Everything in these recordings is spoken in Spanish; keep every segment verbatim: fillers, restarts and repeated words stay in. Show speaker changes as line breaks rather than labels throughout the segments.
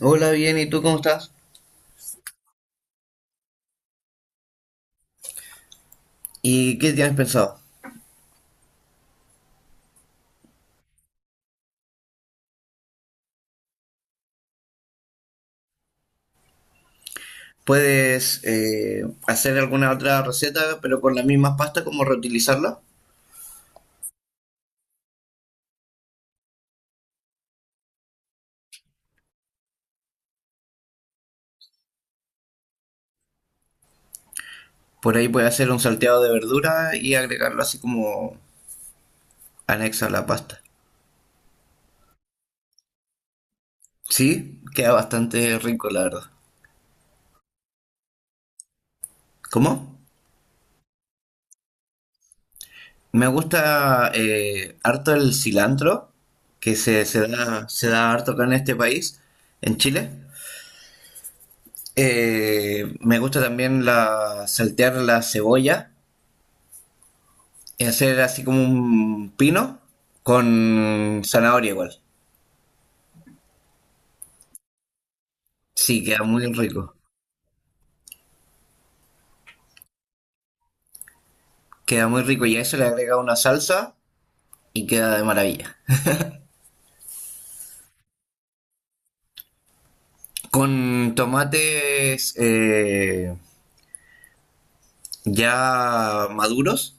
Hola, bien, ¿y tú cómo estás? ¿Y qué tienes pensado? ¿Puedes eh, hacer alguna otra receta, pero con las mismas pastas, como reutilizarla? Por ahí puedes hacer un salteado de verdura y agregarlo así como anexo a la pasta. Sí, queda bastante rico, la verdad. ¿Cómo? Me gusta eh, harto el cilantro, que se, se da, se da harto acá en este país, en Chile. Eh, me gusta también la, saltear la cebolla y hacer así como un pino con zanahoria igual. Sí, queda muy rico. Queda muy rico y a eso le agrega una salsa y queda de maravilla. Con tomates eh, ya maduros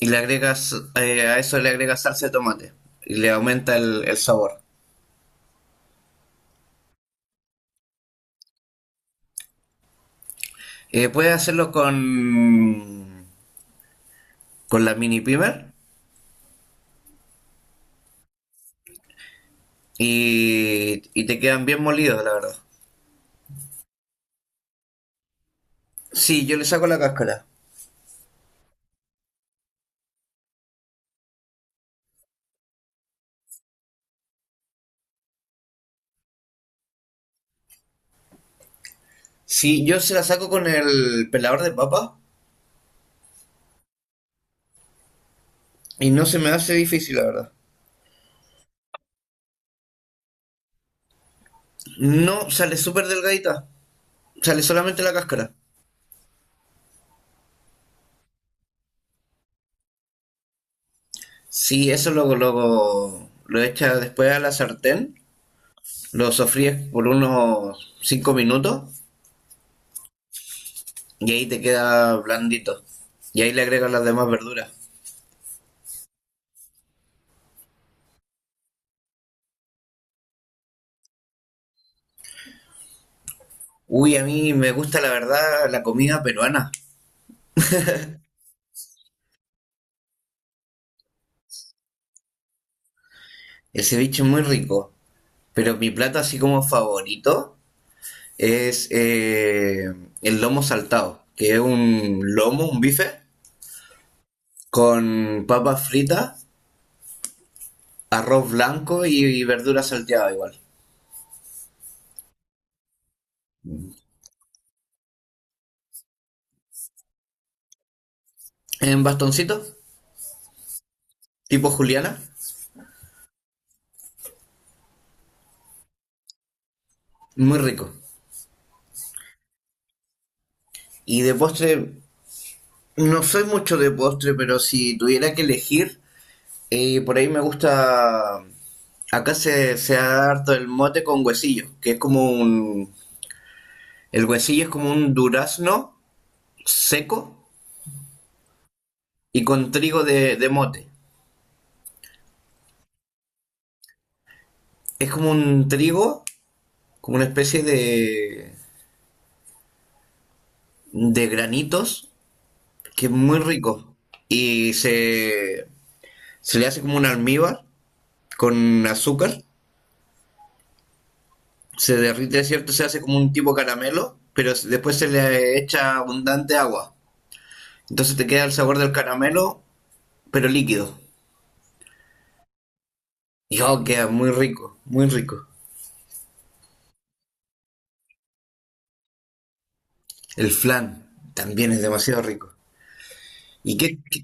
y le agregas eh, a eso le agregas salsa de tomate y le aumenta el, el sabor. Eh, puedes hacerlo con, con la mini pimer y, y te quedan bien molidos, la verdad. Sí, yo le saco la cáscara. Sí, yo se la saco con el pelador de papa y no se me hace difícil, la verdad. No, sale súper delgadita. Sale solamente la cáscara. Sí, eso luego, luego lo echas después a la sartén. Lo sofríes por unos cinco minutos y ahí te queda blandito. Y ahí le agregas las demás verduras. Uy, a mí me gusta la verdad la comida peruana. El ceviche es muy rico. Pero mi plato así como favorito es eh, el lomo saltado, que es un lomo, un bife, con papas fritas, arroz blanco y, y verdura salteada igual. En bastoncitos, tipo juliana, muy rico. Y de postre, no soy mucho de postre, pero si tuviera que elegir, eh, por ahí me gusta... Acá se, se da harto el mote con huesillo, que es como un... El huesillo es como un durazno seco y con trigo de, de mote. Es como un trigo, como una especie de, de granitos, que es muy rico. Y se, Se le hace como un almíbar con azúcar, se derrite, ¿cierto? Se hace como un tipo caramelo, pero s- después se le echa abundante agua. Entonces te queda el sabor del caramelo, pero líquido. Y oh, queda muy rico, muy rico. El flan también es demasiado rico. ¿Y qué, qué,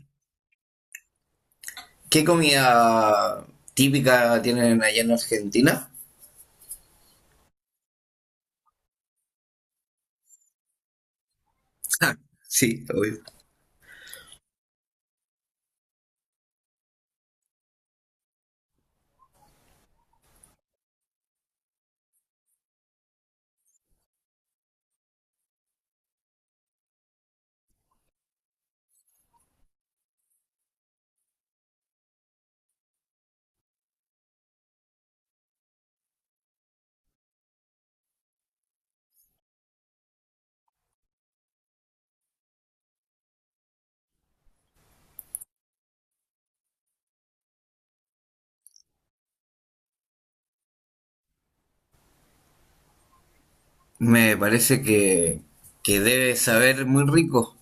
qué comida típica tienen allá en Argentina? Ja, sí, obvio. Me parece que, que debe saber muy rico.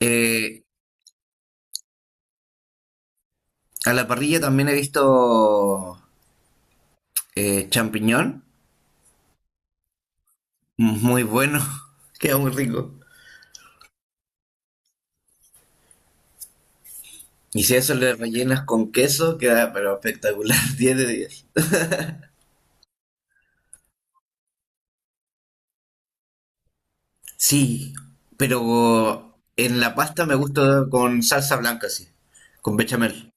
Eh, a la parrilla también he visto eh, champiñón, muy bueno, queda muy rico. Y si a eso le rellenas con queso, queda pero espectacular, diez de diez. Sí, pero en la pasta me gusta con salsa blanca, sí, con bechamel.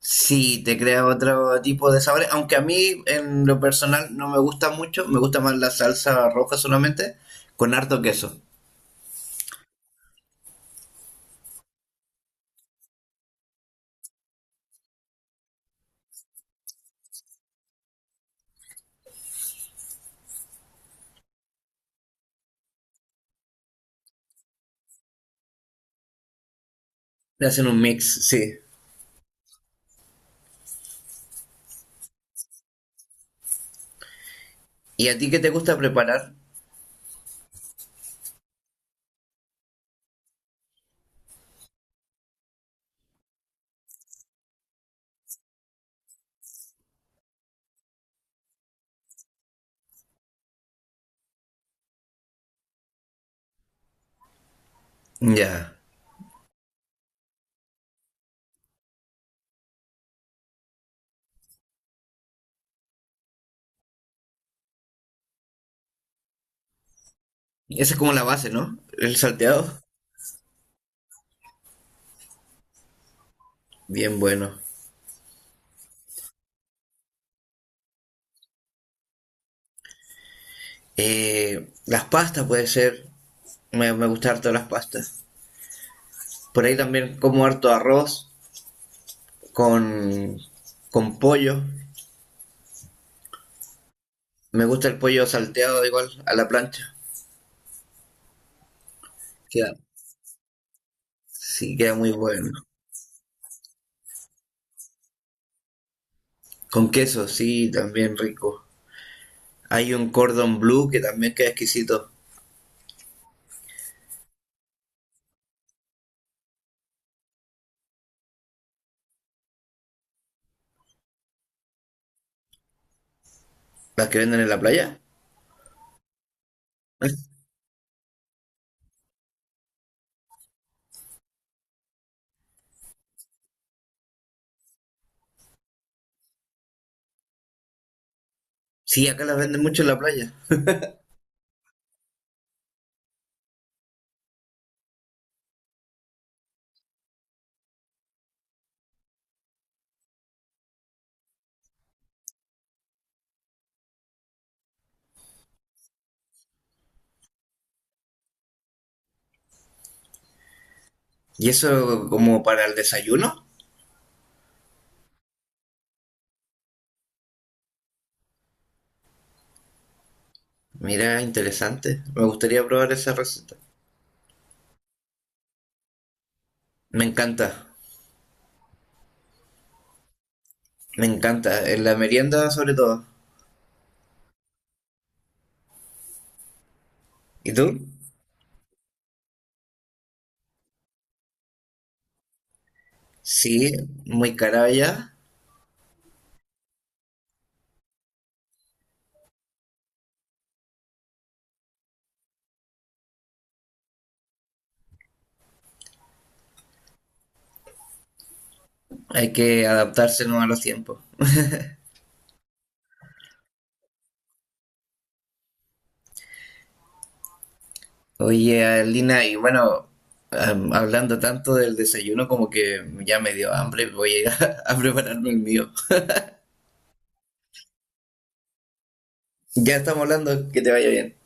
Sí, te crea otro tipo de sabores, aunque a mí en lo personal no me gusta mucho, me gusta más la salsa roja solamente, con harto queso. Le hacen un mix, sí. ¿Y a ti qué te gusta preparar? Ya. Esa es como la base, ¿no? El salteado. Bien bueno. Eh, las pastas puede ser, me, me gusta harto las pastas. Por ahí también como harto arroz con, con pollo. Me gusta el pollo salteado igual a la plancha. Queda, sí, queda muy bueno. Con queso, sí, también rico. Hay un cordon bleu que también queda exquisito. Las que venden en la playa. Sí, acá las venden mucho en la playa. ¿Y eso como para el desayuno? Mira, interesante. Me gustaría probar esa receta. Me encanta, me encanta. En la merienda sobre todo. ¿Y tú? Sí, muy cara ya. Hay que adaptarse ¿no? a los tiempos. Oye, Lina, y bueno, am- hablando tanto del desayuno como que ya me dio hambre, voy a ir a, a prepararme el mío. Ya estamos hablando, que te vaya bien.